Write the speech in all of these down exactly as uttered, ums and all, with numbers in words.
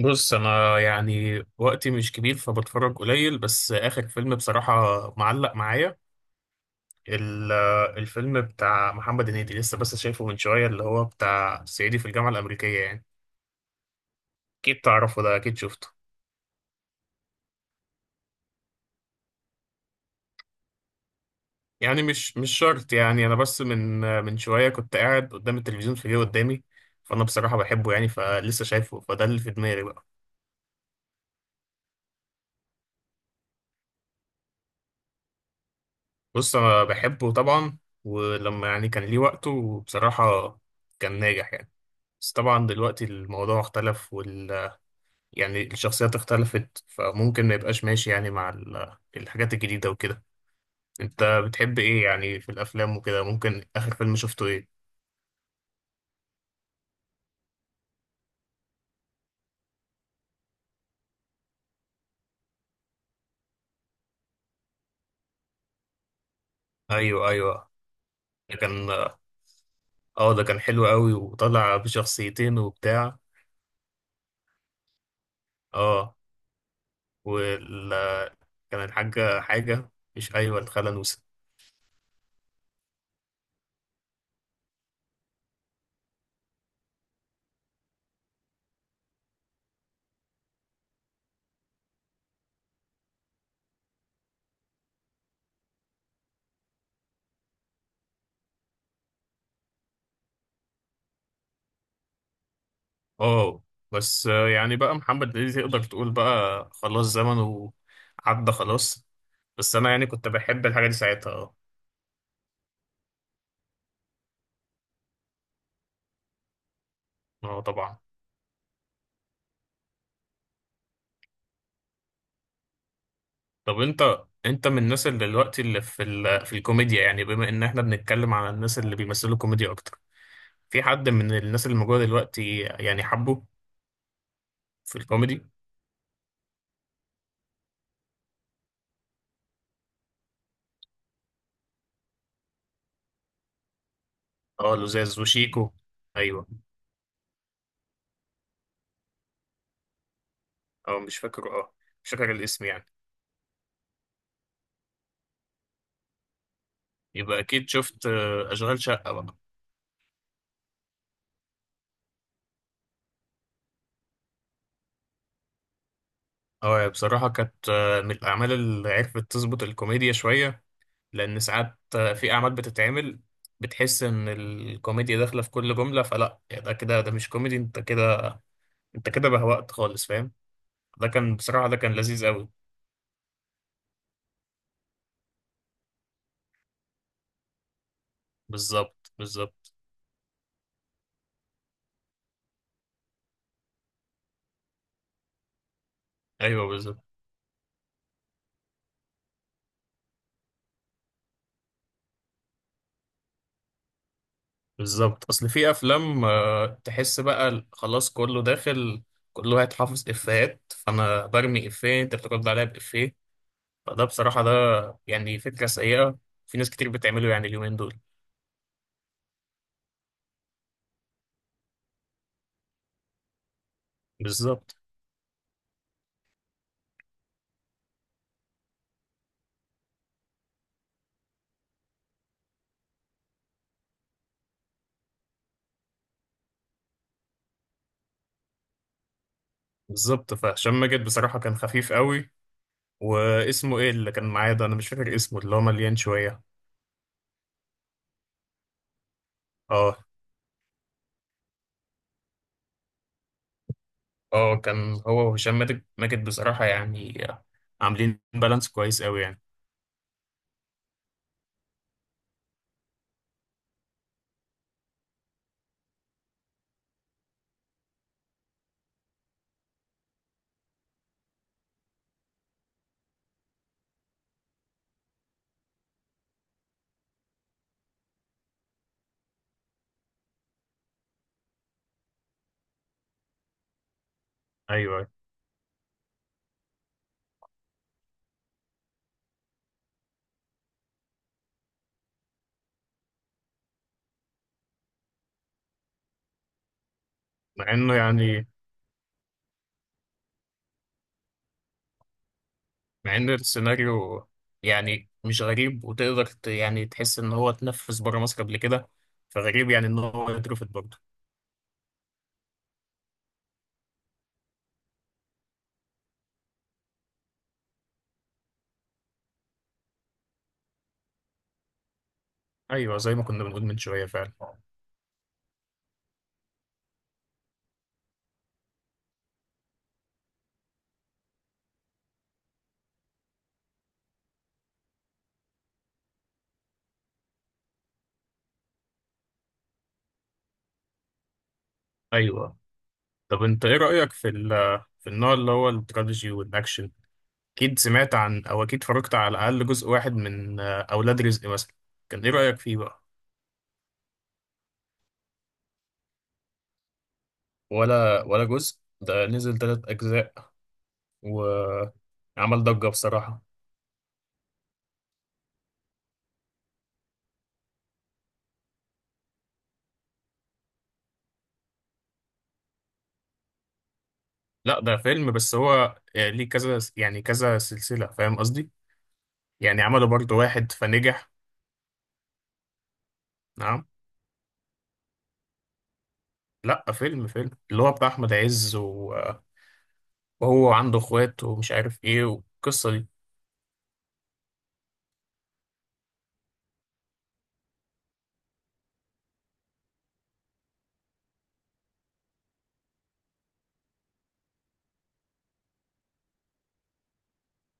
بص، انا يعني وقتي مش كبير فبتفرج قليل. بس اخر فيلم بصراحة معلق معايا، ال- الفيلم بتاع محمد هنيدي لسه بس شايفه من شوية، اللي هو بتاع صعيدي في الجامعة الأمريكية. يعني اكيد تعرفه، ده اكيد شفته. يعني مش مش شرط، يعني انا بس من من شوية كنت قاعد قدام التلفزيون فجأة قدامي، فانا بصراحة بحبه يعني فلسه شايفه، فده اللي في دماغي بقى. بص انا بحبه طبعا، ولما يعني كان ليه وقته بصراحة كان ناجح يعني. بس طبعا دلوقتي الموضوع اختلف وال يعني الشخصيات اختلفت، فممكن ما يبقاش ماشي يعني مع ال- الحاجات الجديدة وكده. انت بتحب ايه يعني في الافلام وكده؟ ممكن اخر فيلم شفته ايه؟ ايوه ايوه، ده كان، اه ده كان حلو قوي وطلع بشخصيتين وبتاع. اه وكان الحاجة حاجة، مش، ايوه الخالة نوسة. اه. بس آه، يعني بقى محمد هنيدي تقدر تقول بقى خلاص زمنه عدى خلاص. بس انا يعني كنت بحب الحاجة دي ساعتها آه. اه طبعا. طب انت انت من الناس اللي دلوقتي اللي في ال... في الكوميديا، يعني بما ان احنا بنتكلم على الناس اللي بيمثلوا كوميديا اكتر، في حد من الناس اللي موجوده دلوقتي يعني حبه في الكوميدي؟ اه لزاز وشيكو. ايوه. اه مش فاكر، اه مش فاكر الاسم يعني. يبقى اكيد شفت آه، اشغال شقه بقى. اه بصراحه كانت آه، من الاعمال اللي عرفت تظبط الكوميديا شويه. لان ساعات آه، في اعمال بتتعمل بتحس ان الكوميديا داخله في كل جمله، فلا يعني ده كده، ده مش كوميدي، انت كده انت كده بهوأت خالص، فاهم. ده كان بصراحة، ده كان لذيذ قوي. بالظبط بالظبط. ايوه بالظبط. بالظبط، اصل في افلام آه، تحس بقى ال- خلاص كله داخل، كله هيتحفظ افيهات، فانا برمي افيه انت بترد عليا بافيه. فده بصراحة ده يعني فكرة سيئة، في ناس كتير بتعمله يعني اليومين دول. بالظبط بالظبط. فهشام ماجد بصراحة كان خفيف قوي. واسمه ايه اللي كان معايا ده؟ انا مش فاكر اسمه، اللي هو مليان شوية. اه اه، كان هو وهشام ماجد ماجد بصراحة يعني عاملين بالانس كويس قوي يعني. ايوه. مع انه يعني، مع ان السيناريو يعني مش غريب، وتقدر ت- يعني تحس ان هو اتنفذ بره مصر قبل كده، فغريب يعني ان هو اترفض برضه. ايوه زي ما كنا بنقول من شوية فعلا. ايوه. طب انت ايه رأيك في ال في النوع اللي هو التراجيدي والاكشن؟ اكيد سمعت عن، او اكيد اتفرجت على الاقل جزء واحد من آه، اولاد رزق مثلا. كان ايه رأيك فيه بقى؟ ولا ولا جزء. ده نزل تلات أجزاء وعمل ضجة بصراحة. لا ده فيلم، بس هو آه، ليه كذا يعني كذا سلسلة، فاهم قصدي؟ يعني عملوا برضه واحد فنجح. نعم. لا فيلم فيلم، اللي هو بتاع أحمد عز و- آه، وهو عنده إخوات ومش عارف إيه والقصة دي.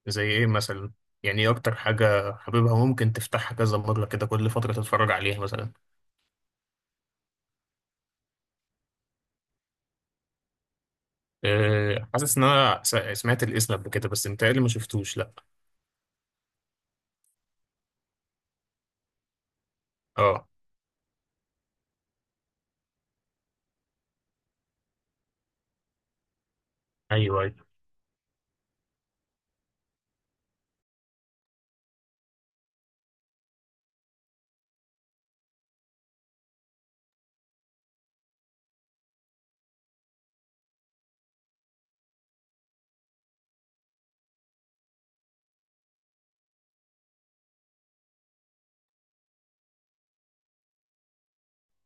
زي إيه مثلا؟ يعني إيه أكتر حاجة حبيبها ممكن تفتحها كذا مرة كده كل فترة تتفرج عليها مثلا؟ أه، حاسس إن أنا س- سمعت الاسم قبل كده، بس متهيألي ما شفتوش لا. اه ايوه أيوة.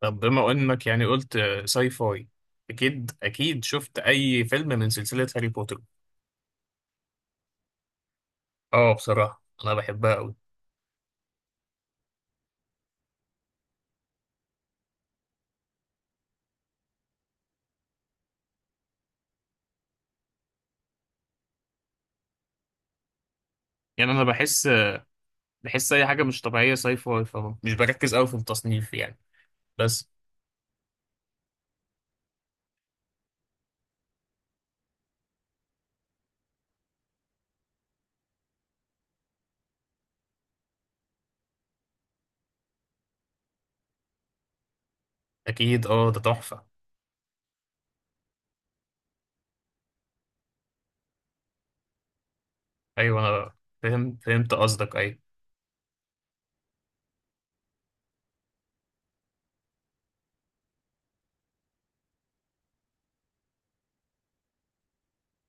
طب بما انك يعني قلت ساي فاي، اكيد اكيد شفت اي فيلم من سلسلة هاري بوتر. اه بصراحة انا بحبها قوي. يعني انا بحس بحس اي حاجة مش طبيعية ساي فاي، فمش بركز قوي في التصنيف يعني. بس. اكيد اه ده تحفة. ايوه انا فهمت فهمت قصدك، ايوه.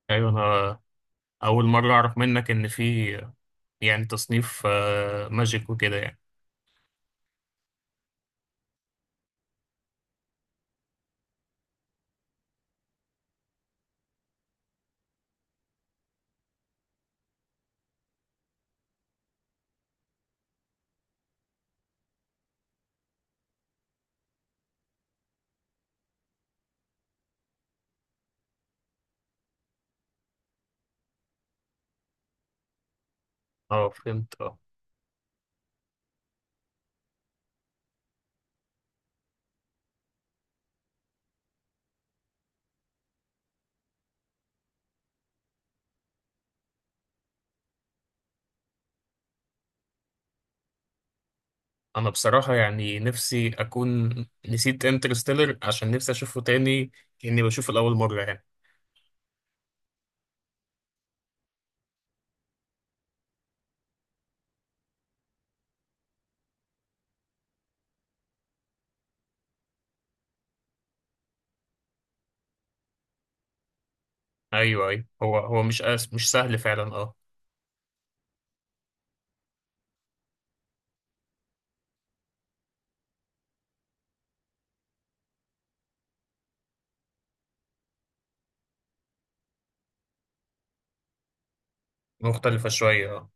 ايوه انا اول مرة اعرف منك ان في يعني تصنيف آه، ماجيك وكده يعني. اه فهمت اه. انا بصراحة يعني نفسي اكون نسيت انترستيلر عشان نفسي اشوفه تاني، كأني بشوفه لأول مرة يعني. ايوه ايوه، هو هو مش أس... مش سهل فعلا اه. مختلفة شوية اه.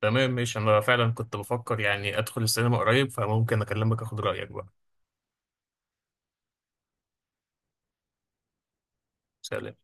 تمام ماشي، انا فعلا كنت بفكر يعني ادخل السينما قريب فممكن اكلمك اخد رأيك بقى. سلام.